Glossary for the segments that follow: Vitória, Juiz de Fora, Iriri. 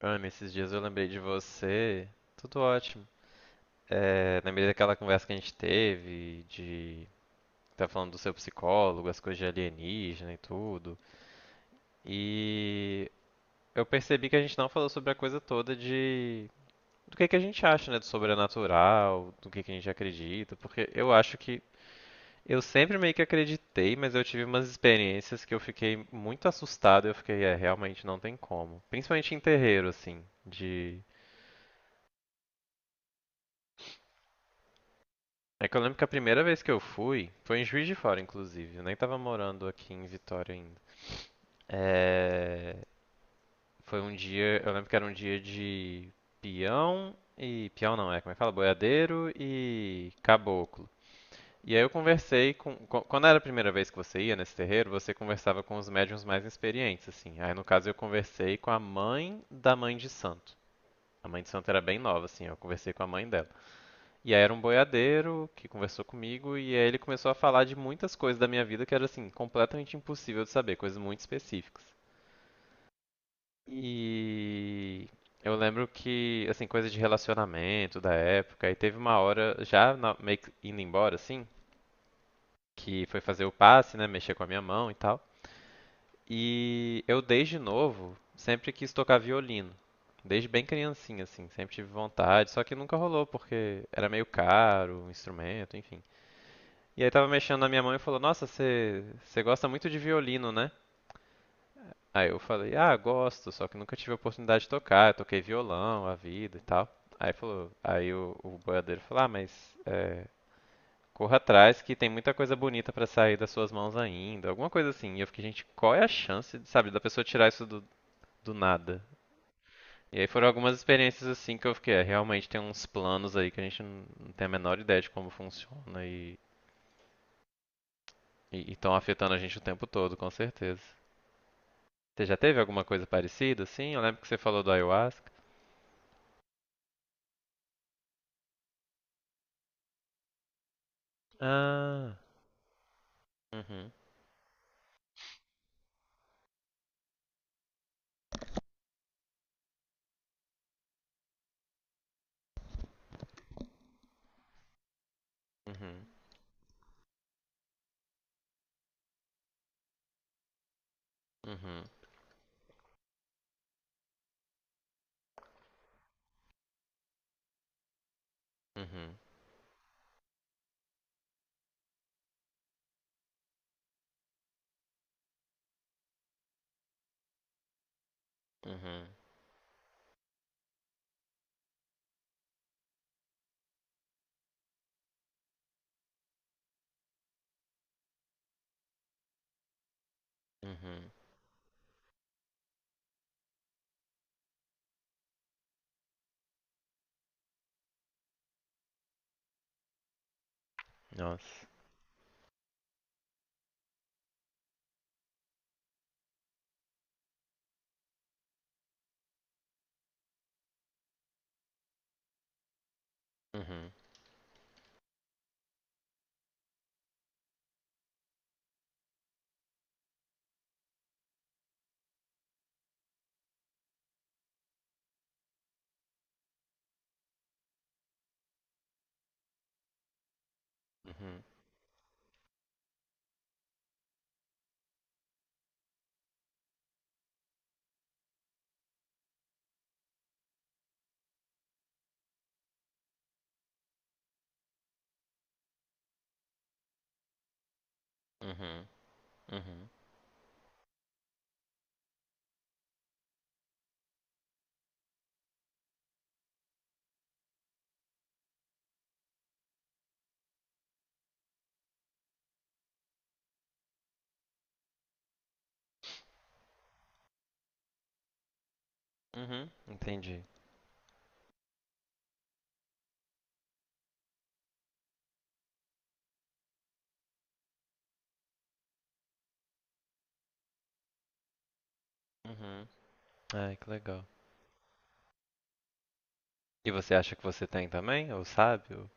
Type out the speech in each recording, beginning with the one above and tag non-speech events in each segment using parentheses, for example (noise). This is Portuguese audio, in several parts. Ana, esses dias eu lembrei de você. Tudo ótimo. É, lembrei daquela conversa que a gente teve, de tá falando do seu psicólogo, as coisas de alienígena e tudo. E eu percebi que a gente não falou sobre a coisa toda de do que a gente acha, né, do sobrenatural, do que a gente acredita, porque eu acho que eu sempre meio que acreditei, mas eu tive umas experiências que eu fiquei muito assustado, e eu fiquei, é, realmente não tem como. Principalmente em terreiro, assim, de... que eu lembro que a primeira vez que eu fui, foi em Juiz de Fora, inclusive. Eu nem tava morando aqui em Vitória ainda. É... Foi um dia, eu lembro que era um dia de peão e... Peão não, é como é que fala? Boiadeiro e caboclo. E aí eu conversei com... Quando era a primeira vez que você ia nesse terreiro, você conversava com os médiuns mais experientes, assim. Aí no caso eu conversei com a mãe da mãe de santo. A mãe de santo era bem nova, assim, eu conversei com a mãe dela. E aí era um boiadeiro que conversou comigo e aí ele começou a falar de muitas coisas da minha vida que era assim, completamente impossível de saber, coisas muito específicas. E eu lembro que, assim, coisa de relacionamento da época, e teve uma hora, já na- meio que indo embora, assim, que foi fazer o passe, né, mexer com a minha mão e tal. E eu desde novo sempre quis tocar violino. Desde bem criancinha, assim, sempre tive vontade, só que nunca rolou porque era meio caro o instrumento, enfim. E aí tava mexendo na minha mão e falou: Nossa, você gosta muito de violino, né? Aí eu falei: Ah, gosto, só que nunca tive a oportunidade de tocar. Eu toquei violão, a vida e tal. Aí falou, o boiadeiro falou: Ah, mas é, corra atrás que tem muita coisa bonita pra sair das suas mãos ainda, alguma coisa assim. E eu fiquei: Gente, qual é a chance, sabe, da pessoa tirar isso do nada? E aí foram algumas experiências assim que eu fiquei, é, realmente tem uns planos aí que a gente não tem a menor ideia de como funciona e estão afetando a gente o tempo todo, com certeza. Você já teve alguma coisa parecida, assim? Eu lembro que você falou do ayahuasca. Ah. Uhum, uhum, uhum, uhum, uhum, uhum. Nossa. Uhum, uhum, uhum, uhum, uhum. Entendi. Uhum. Ai, que legal. E você acha que você tem também? Ou sabe? Ou...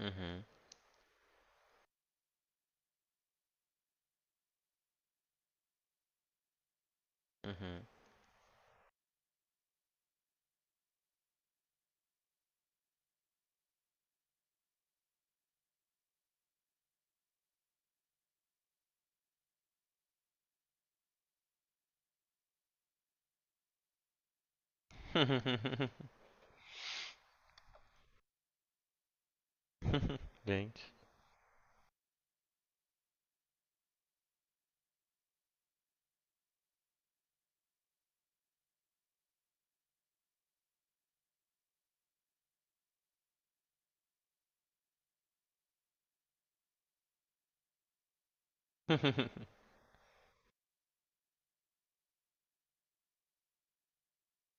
Uhum, uhum. (laughs) Gente. (laughs)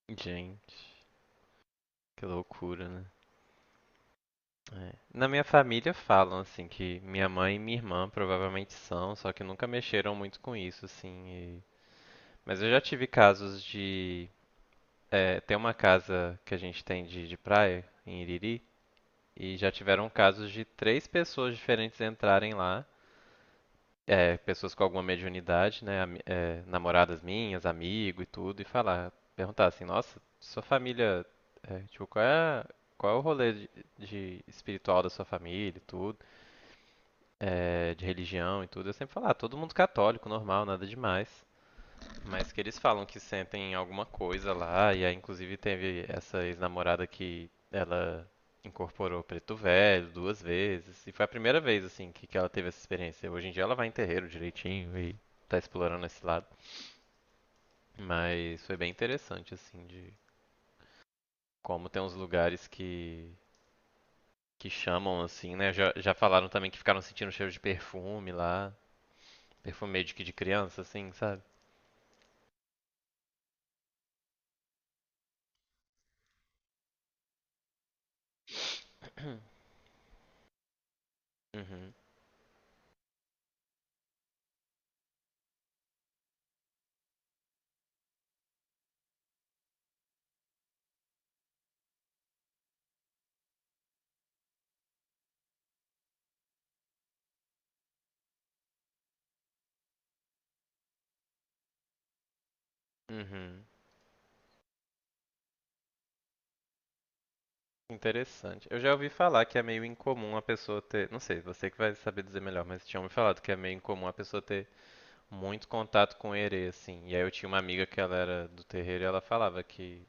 Gente, que loucura, né? É. Na minha família falam assim que minha mãe e minha irmã provavelmente são, só que nunca mexeram muito com isso, assim. Mas eu já tive casos de é, tem uma casa que a gente tem de praia em Iriri e já tiveram casos de três pessoas diferentes entrarem lá, é, pessoas com alguma mediunidade, né, é, namoradas minhas, amigo e tudo, e falar, perguntar assim, nossa, sua família, é, tipo, qual é, qual é o rolê de espiritual da sua família e tudo? É, de religião e tudo, eu sempre falo, ah, todo mundo católico, normal, nada demais. Mas que eles falam que sentem alguma coisa lá, e aí inclusive teve essa ex-namorada que ela incorporou preto velho duas vezes, e foi a primeira vez assim que ela teve essa experiência. Hoje em dia ela vai em terreiro direitinho e tá explorando esse lado, mas foi bem interessante assim de como tem uns lugares que chamam assim, né? Já, já falaram também que ficaram sentindo cheiro de perfume lá, perfume meio de que de criança assim, sabe? Uhum, uhum. Interessante. Eu já ouvi falar que é meio incomum a pessoa ter. Não sei, você que vai saber dizer melhor, mas tinham me falado que é meio incomum a pessoa ter muito contato com herê, assim. E aí eu tinha uma amiga que ela era do terreiro e ela falava que,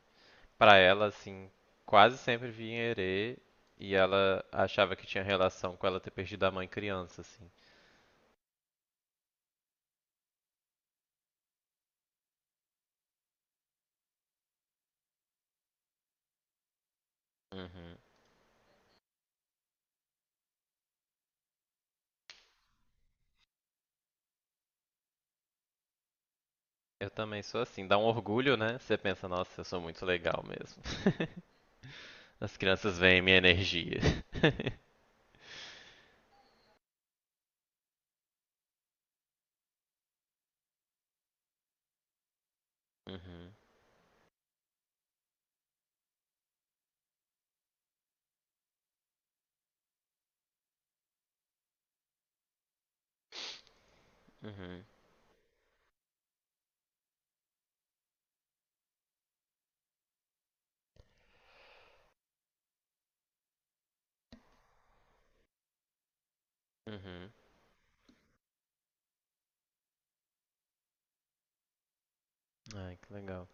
pra ela, assim, quase sempre vinha herê e ela achava que tinha relação com ela ter perdido a mãe criança, assim. Uhum. Eu também sou assim. Dá um orgulho, né? Você pensa, nossa, eu sou muito legal mesmo. (laughs) As crianças veem minha energia. (laughs) Uhum. Uhum. Ai, que legal.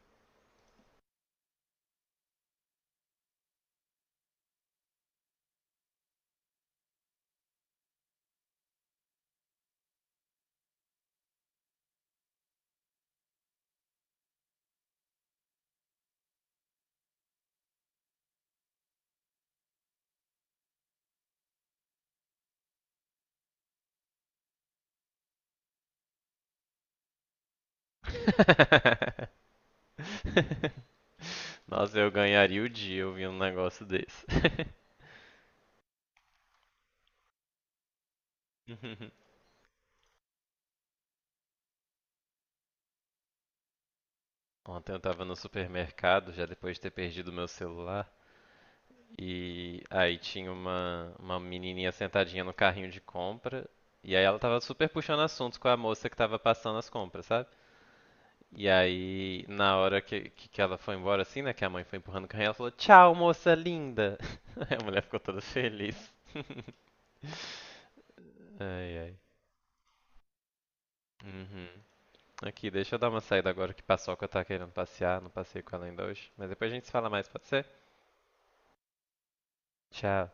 (laughs) Nossa, eu ganharia o dia ouvindo um negócio desse. (laughs) Ontem eu tava no supermercado, já depois de ter perdido meu celular, e aí tinha uma menininha sentadinha no carrinho de compra, e aí ela tava super puxando assuntos com a moça que tava passando as compras, sabe? E aí, na hora que ela foi embora, assim, né? Que a mãe foi empurrando o carrinho, ela falou: Tchau, moça linda! (laughs) Aí a mulher ficou toda feliz. (laughs) Ai, ai. Uhum. Aqui, deixa eu dar uma saída agora que Paçoca tá querendo passear. Não passei com ela ainda hoje. Mas depois a gente se fala mais, pode ser? Tchau.